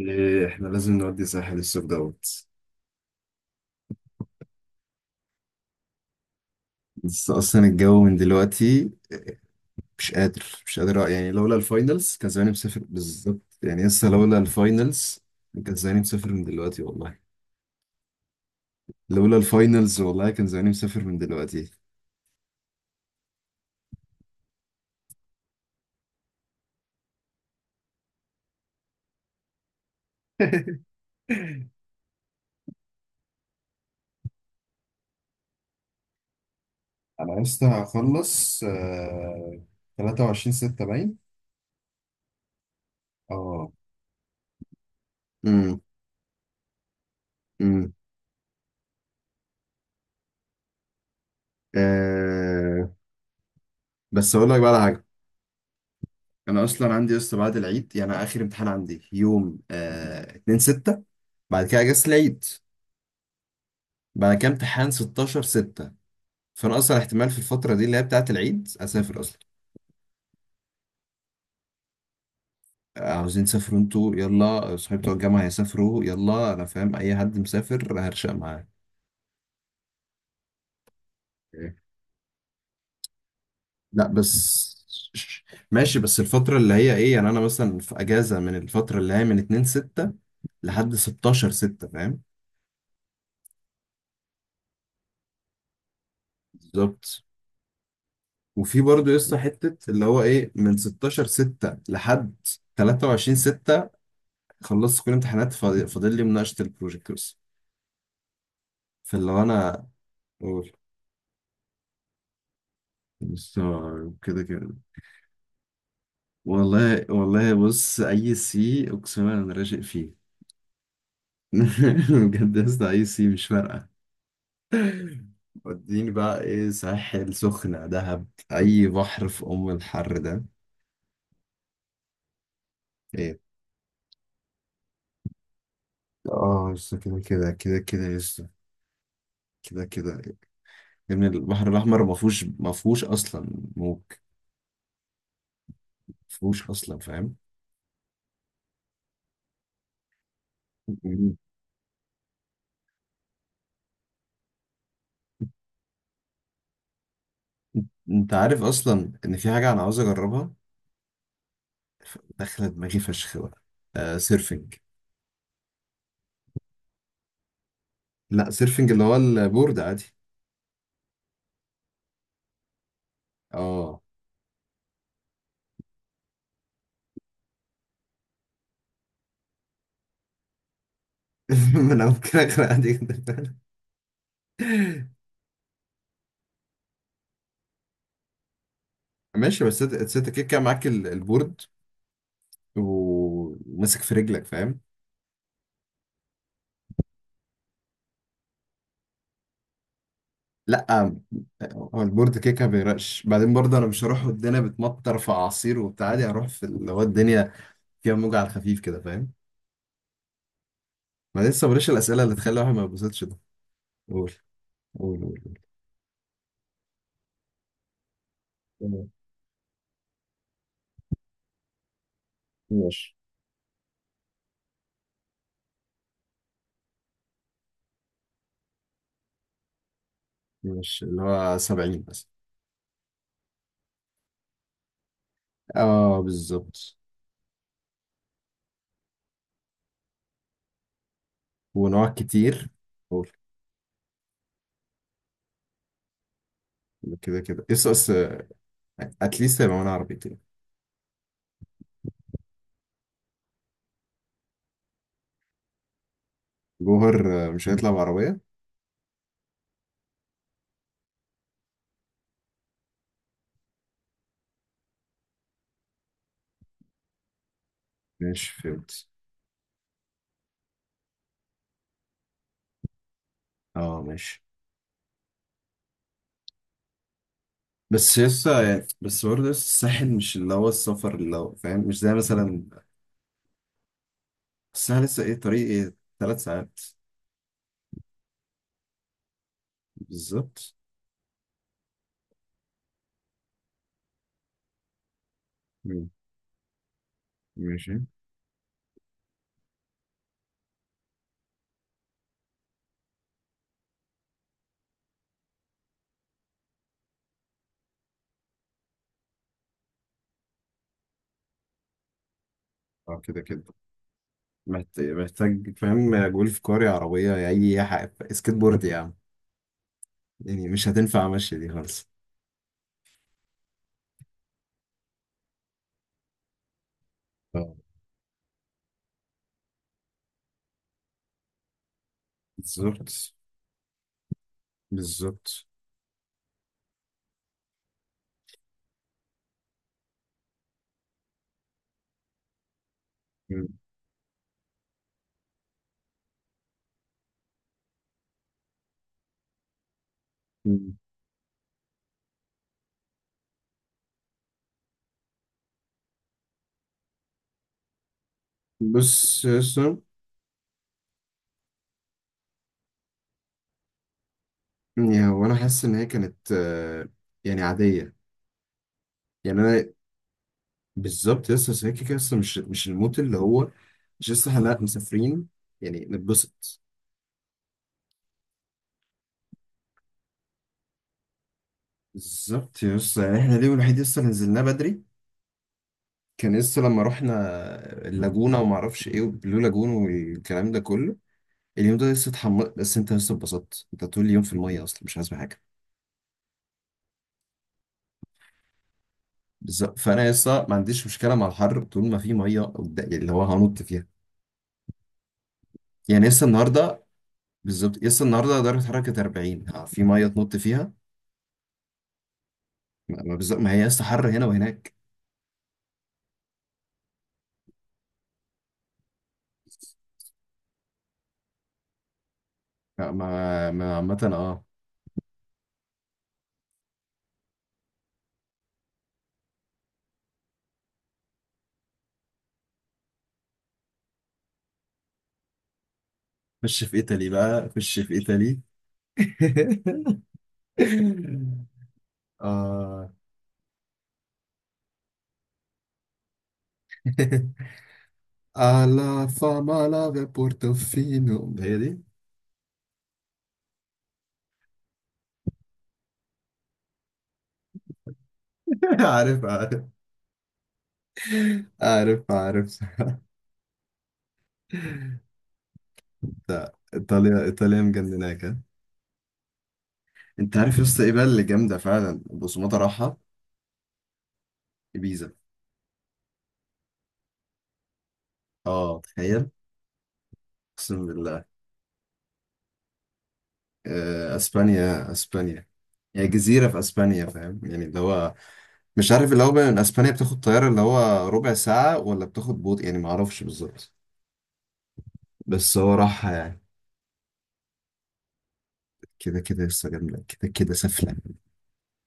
إيه، احنا لازم نودي ساحل الصيف دوت. بس اصلا الجو من دلوقتي مش قادر، مش قادر، يعني لولا الفاينلز كان زماني مسافر. بالظبط، يعني لسه لولا الفاينلز كان زماني مسافر من دلوقتي، والله. لولا الفاينلز، والله كان زماني مسافر من دلوقتي. انا لسه هخلص. آه، 23 6 باين. اه. امم. امم. آه، بس اقول لك بقى على حاجه. انا اصلا عندي لسه بعد العيد، يعني اخر امتحان عندي يوم، آه، 2/6. بعد كده اجازة العيد، بعد كده امتحان 16 6. فانا اصلا احتمال في الفترة دي اللي هي بتاعة العيد اسافر اصلا. عاوزين تسافروا انتوا؟ يلا، صحابي بتوع الجامعة هيسافروا. يلا، انا فاهم، اي حد مسافر هرشق معاه. إيه. لا، بس ماشي. بس الفترة اللي هي، ايه يعني، انا مثلا في اجازة من الفترة اللي هي من 2 6 لحد 16 6، فاهم؟ بالظبط. وفي برضه يسطا حتة اللي هو ايه، من 16 6 لحد 23 6 خلصت كل الامتحانات، فاضل لي مناقشة البروجكت بس. فاللي هو انا اقول. بس هو كده كده، والله والله، بص اي سي، اقسم بالله انا راشق فيه. بجد يا اسطى، اي سي مش فارقة، وديني بقى ايه، ساحل، سخنة، دهب، اي بحر في ام الحر ده. ايه. اه، لسه كده كده كده كده لسه كده كده. يا ابني البحر الاحمر ما فيهوش، ما فيهوش اصلا موج، ما فيهوش اصلا، فاهم؟ انت عارف اصلا ان في حاجه انا عاوز اجربها، داخله دماغي فشخ بقى. آه، سيرفنج. لا، سيرفنج اللي هو البورد عادي. اه. ما انا ممكن اغرق عادي جدا. ماشي. بس انت، أنت كده كده معاك البورد وماسك في رجلك، فاهم؟ لا، هو البورد كده كده بيرقش. بعدين برضه انا مش هروح والدنيا بتمطر في اعاصير وبتاع، عادي هروح في اللي هو الدنيا فيها موجة على الخفيف كده، فاهم؟ ما لسه بلاش الاسئله اللي تخلي الواحد ما يتبسطش ده. قول، قول، قول، قول. تمام. ماشي. مش اللي هو 70 بس. اه بالظبط. ونوع كتير. أوف. كده كده اس اس، اتليست هيبقى معانا عربيتين. جوهر، آه، مش هيطلع بعربية. ماشي، فهمت. اه، ماشي. بس لسه يعني، بس برضه لسه الساحل مش اللي هو السفر اللي هو، فاهم؟ مش زي مثلا، الساحل لسه ايه، طريق ايه، ثلاث ساعات. بالظبط. مم. ماشي. اه كده كده. محتاج، فاهم، جولف كاري، عربية، أي حاجة، سكيت بورد يا عم. يعني مش هتنفع مشي دي خالص. آه. بالظبط. بالظبط. مم. مم. بص يا اسطى، يعني هو انا حاسس ان هي كانت، يعني عاديه. يعني انا، بالظبط يا اسطى، بس هي كده كده اصلا مش، مش الموت اللي هو. مش لسه احنا، لأ، مسافرين، يعني نتبسط. بالظبط يا اسطى، يعني احنا اليوم الوحيد لسه نزلناه بدري. كان لسه لما رحنا اللاجونه وما اعرفش ايه وبلو لاجون والكلام ده كله. اليوم ده لسه اتحمس، بس انت لسه اتبسطت، انت طول اليوم في الميه، اصلا مش عايز حاجه. بالظبط، فانا لسه ما عنديش مشكله مع الحر طول ما في ميه قدام، يعني اللي هو هنط فيها. يعني لسه النهارده، بالظبط لسه النهارده درجه حراره كانت 40، ها، في ميه تنط فيها. ما ما بالظبط، ما هي لسه حر هنا وهناك. عامه اه. خش في ايطالي بقى، خش في ايطالي. اه. alla fama la ve portofino. هي دي. عارف، عارف، عارف، عارف. ده ايطاليا ايطاليا مجنناك. انت عارف يا اسطى ايه بقى اللي جامده فعلا؟ بوسوماتا راحه. ibiza. اه، تخيل. اقسم بالله. آه، اسبانيا، اسبانيا. هي جزيره في اسبانيا، فاهم؟ يعني اللي هو، مش عارف اللي هو، من اسبانيا بتاخد طياره اللي هو ربع ساعه، ولا بتاخد بوط، يعني ما اعرفش بالظبط. بس هو راحه يعني. كده كده لسه جامده، كده كده سفله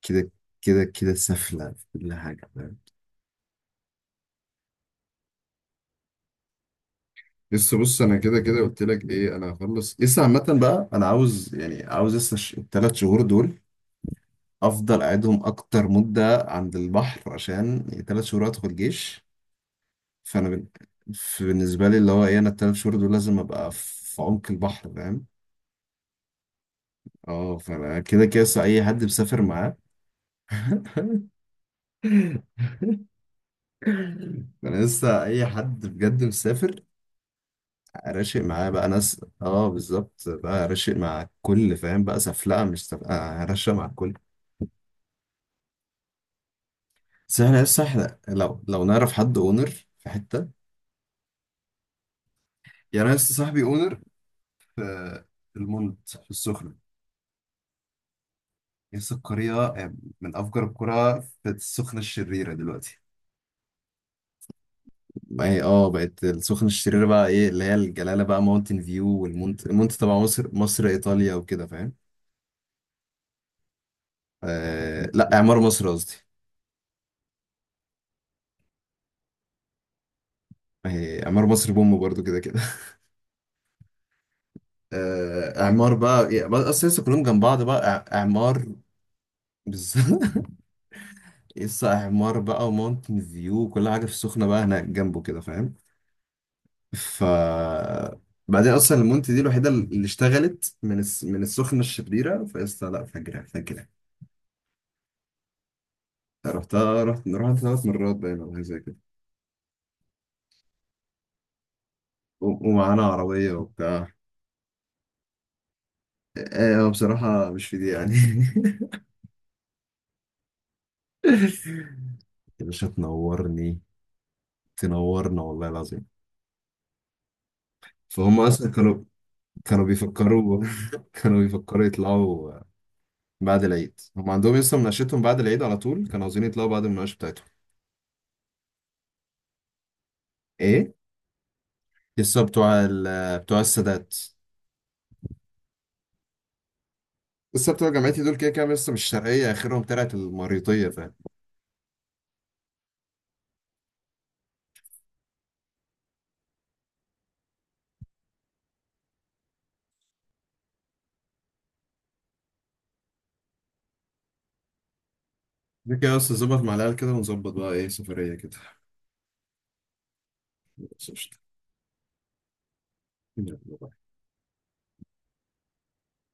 كده، كده كده سفله في كل حاجه، فاهم؟ لسه بص، انا كده كده قلت لك ايه، انا هخلص لسه عامه بقى. انا عاوز، يعني عاوز لسه الثلاث شهور دول افضل اقعدهم اكتر مده عند البحر، عشان ثلاث شهور ادخل جيش. فانا بن... بالنسبه لي اللي هو ايه، انا الثلاث شهور دول لازم ابقى في عمق البحر، فاهم؟ اه، فانا كده كده لسه اي حد بسافر معاه. انا لسه اي حد بجد مسافر راشق معاه بقى، ناس اه، بالظبط بقى راشق مع الكل، فاهم بقى؟ سفلقه مش سفلقه، راشق مع الكل. بس احنا لسه لو نعرف حد اونر في حته، يعني انا لسه صاحبي اونر في المنت في السخنة. لسه القرية من أفجر القرى في السخنة الشريرة دلوقتي. ما هي اه بقت السخنة الشريرة بقى ايه اللي هي الجلالة بقى، ماونتن فيو، والمونت تبع مصر ايطاليا وكده، فاهم؟ آه لا، اعمار مصر قصدي. ما هي اعمار مصر بوم برضو كده كده. آه، اعمار بقى يعني بقى اصل لسه كلهم جنب بعض بقى، اعمار. بالظبط. لسه اعمار بقى وماونتن فيو وكل حاجة في السخنة بقى هناك جنبه كده، فاهم؟ ف بعدين اصلا المونت دي الوحيده اللي اشتغلت من من السخنه الشريره، فقلت لا، فجرة فجرة. رحتها، رحت ثلاث مرات باين او حاجه زي كده، ومعانا عربيه وبتاع. ايه هو بصراحه مش في دي يعني. يا باشا تنورني، تنورنا والله العظيم. فهم اصلا كانوا بيفكروا. كانوا بيفكروا يطلعوا بعد العيد. هم عندهم لسه مناقشتهم بعد العيد على طول، كانوا عاوزين يطلعوا بعد المناقشه بتاعتهم. ايه. لسه بتوع السادات. لسه بتوع جامعتي دول كده كده لسه مش شرقية، آخرهم طلعت المريطية، فاهم؟ كده كده بس نظبط مع العيال كده ونظبط بقى إيه، سفرية كده.